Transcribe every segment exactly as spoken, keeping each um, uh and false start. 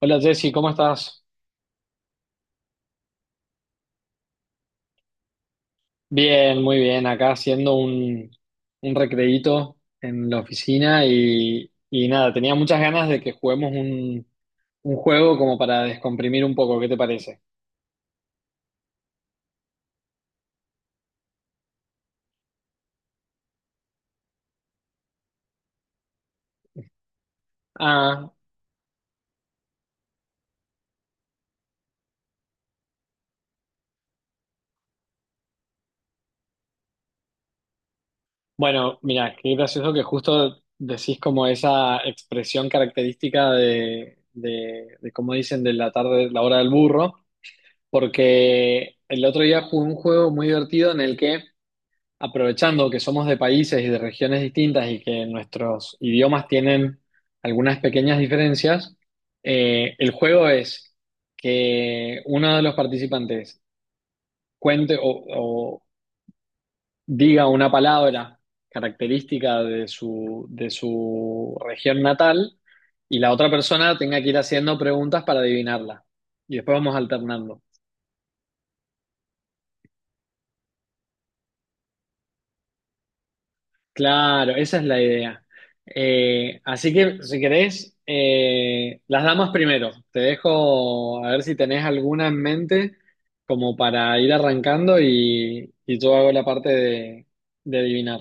Hola Jessy, ¿cómo estás? Bien, muy bien. Acá haciendo un, un recreíto en la oficina y, y nada, tenía muchas ganas de que juguemos un, un juego como para descomprimir un poco. ¿Qué te parece? Ah, bueno, mira, qué gracioso que justo decís como esa expresión característica de, de, de como dicen, de la tarde, la hora del burro, porque el otro día jugué un juego muy divertido en el que aprovechando que somos de países y de regiones distintas y que nuestros idiomas tienen algunas pequeñas diferencias, eh, el juego es que uno de los participantes cuente o, o diga una palabra característica de su, de su región natal y la otra persona tenga que ir haciendo preguntas para adivinarla. Y después vamos alternando. Claro, esa es la idea. Eh, así que si querés, eh, las damas primero. Te dejo a ver si tenés alguna en mente como para ir arrancando y, y yo hago la parte de, de adivinar.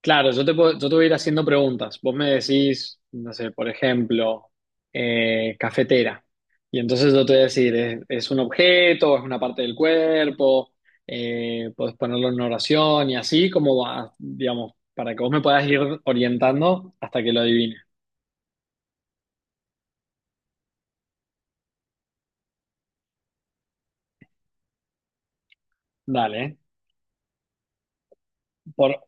Claro, yo te puedo, yo te voy a ir haciendo preguntas. Vos me decís, no sé, por ejemplo, eh, cafetera. Y entonces yo te voy a decir, ¿es, es un objeto? ¿Es una parte del cuerpo? Eh, puedes ponerlo en una oración y así como va, digamos, para que vos me puedas ir orientando hasta que lo adivine. Dale. ¿Eh? Por,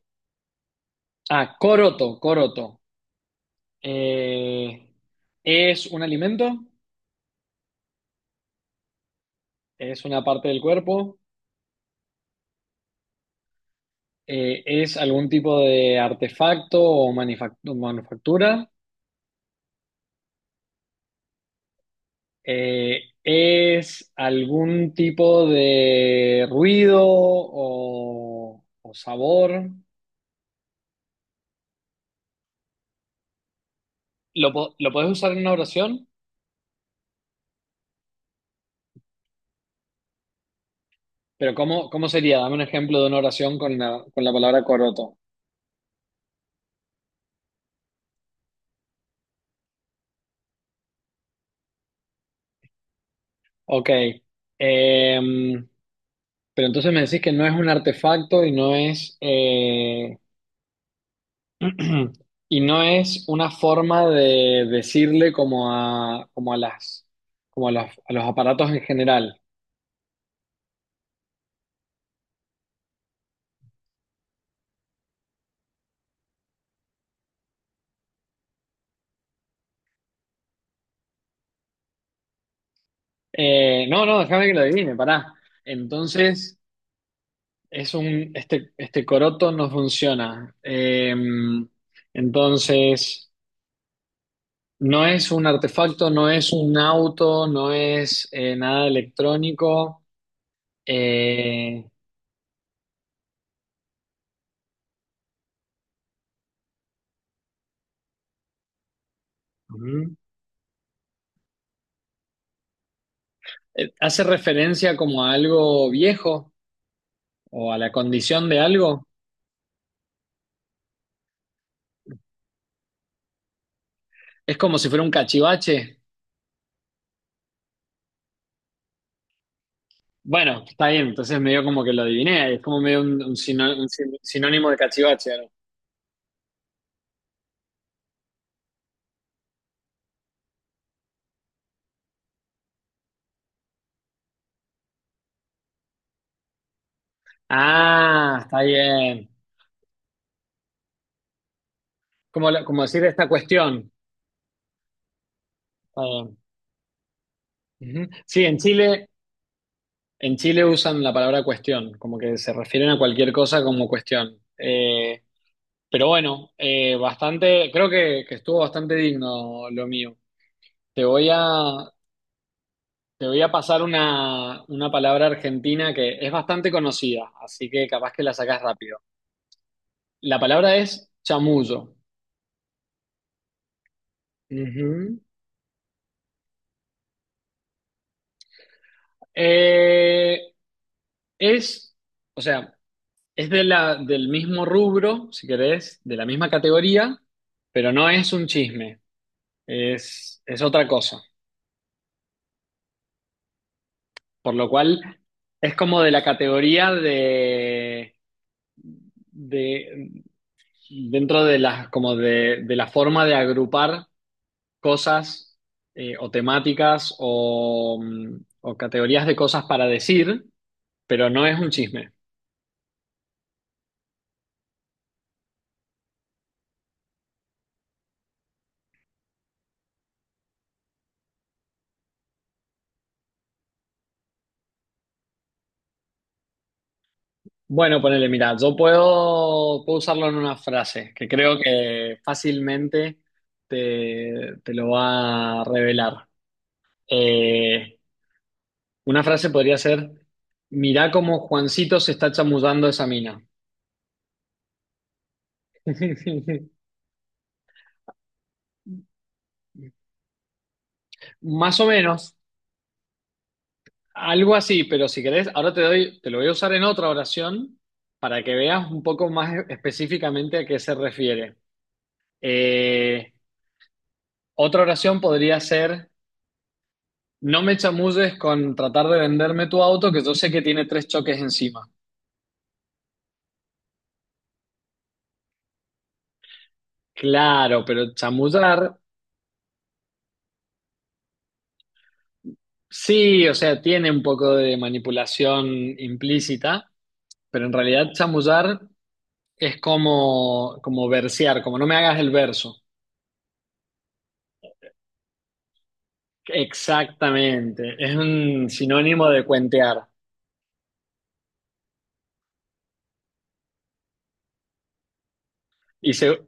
ah, coroto, coroto. Eh, ¿Es un alimento? ¿Es una parte del cuerpo? Eh, ¿es algún tipo de artefacto o manifac- manufactura? Eh, ¿es algún tipo de ruido o, o sabor? ¿Lo, po- lo podés usar en una oración? Pero ¿cómo, cómo sería? Dame un ejemplo de una oración con la, con la palabra coroto. Ok. Em, pero entonces me decís que no es un artefacto y no es... eh, Y no es una forma de decirle como a, como a las, como a las- a los aparatos en general. Eh, no, no, déjame que lo adivine, pará. Entonces, es un, este, este coroto no funciona. Eh, entonces, no es un artefacto, no es un auto, no es eh, nada electrónico. Eh, ujú. Eh, ¿Hace referencia como a algo viejo o a la condición de algo? Es como si fuera un cachivache. Bueno, está bien, entonces medio como que lo adiviné, es como medio un, un sino- un sin- sinónimo de cachivache, ¿no? Ah, está bien. Como, lo- como decir esta cuestión. Está bien. Ujú. Sí, en Chile, en Chile usan la palabra cuestión, como que se refieren a cualquier cosa como cuestión. Eh, pero bueno, eh, bastante, creo que, que estuvo bastante digno lo mío. Te voy a, Te voy a pasar una, una palabra argentina que es bastante conocida, así que capaz que la sacás rápido. La palabra es chamuyo. Ujú. Eh, es, o sea, es de la, del mismo rubro, si querés, de la misma categoría, pero no es un chisme, es, es otra cosa. Por lo cual, es como de la categoría de, de dentro de las, como de, de la forma de agrupar cosas eh, o temáticas o, mm, o categorías de cosas para decir, pero no es un chisme. Bueno, ponele, mira, yo puedo, puedo usarlo en una frase que creo que fácilmente te, te lo va a revelar. Eh, una frase podría ser, mirá cómo Juancito se está chamullando esa mina. Más o menos, algo así, pero si querés, ahora te doy, te lo voy a usar en otra oración para que veas un poco más e- específicamente a qué se refiere. Eh, Otra oración podría ser, no me chamulles con tratar de venderme tu auto, que yo sé que tiene tres choques encima. Claro, pero chamullar, sí, o sea, tiene un poco de manipulación implícita, pero en realidad chamullar es como, como versear, como no me hagas el verso. Exactamente, es un sinónimo de cuentear. Y, se,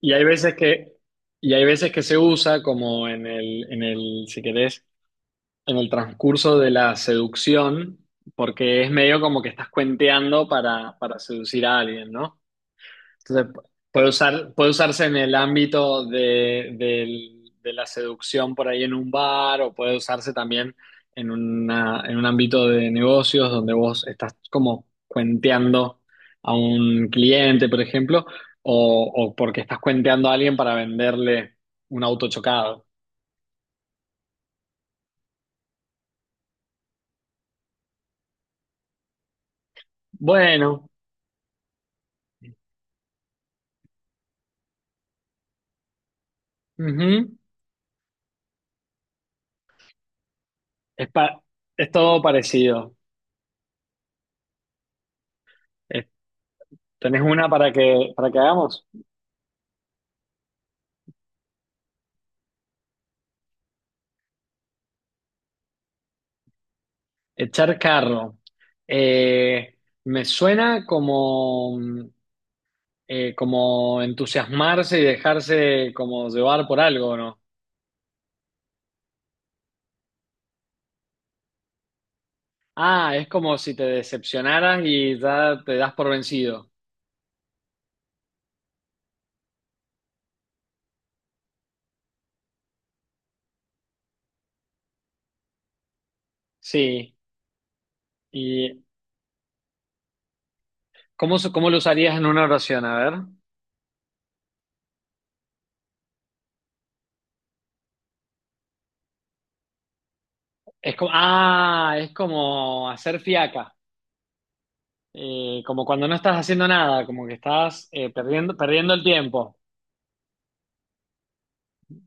y hay veces que, y hay veces que se usa como en el, en el, si querés, en el transcurso de la seducción, porque es medio como que estás cuenteando para, para seducir a alguien, ¿no? Entonces, pu- puede usar, puede usarse en el ámbito de, del- de la seducción por ahí en un bar o puede usarse también en una, en un ámbito de negocios donde vos estás como cuenteando a un cliente, por ejemplo, o, o porque estás cuenteando a alguien para venderle un auto chocado. Bueno, ujú. Es, pa- es todo parecido. Es- ¿tenés una para que, para que hagamos? Echar carro. Eh, Me suena como, mm, eh, como entusiasmarse y dejarse como llevar por algo, ¿no? Ah, es como si te decepcionaras y ya te das por vencido. Sí. ¿Y cómo, se- cómo lo usarías en una oración? A ver. Es como, ah, es como hacer fiaca. Eh, como cuando no estás haciendo nada, como que estás eh, perdiendo, perdiendo el tiempo.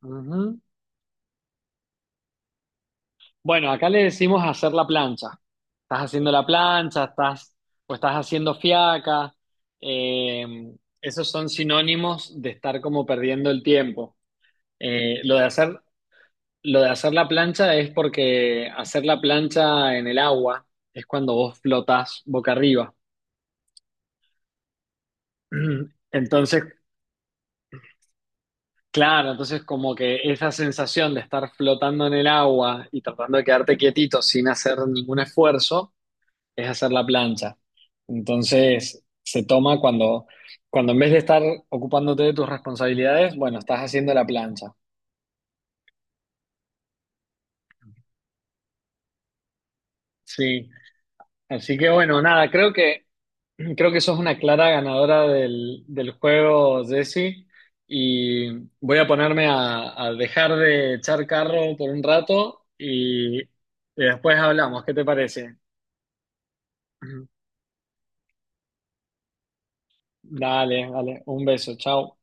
Ujú. Bueno, acá le decimos hacer la plancha. Estás haciendo la plancha, estás o estás haciendo fiaca. Eh, Esos son sinónimos de estar como perdiendo el tiempo. Eh, lo de hacer, lo de hacer la plancha es porque hacer la plancha en el agua es cuando vos flotás boca arriba. Entonces, claro, entonces como que esa sensación de estar flotando en el agua y tratando de quedarte quietito sin hacer ningún esfuerzo es hacer la plancha. Entonces, se toma cuando, cuando en vez de estar ocupándote de tus responsabilidades, bueno, estás haciendo la plancha. Sí. Así que bueno, nada, creo que creo que sos una clara ganadora del, del juego, Jessy. Y voy a ponerme a, a dejar de echar carro por un rato y, y después hablamos. ¿Qué te parece? Ujú. Dale, dale. Un beso. Chao.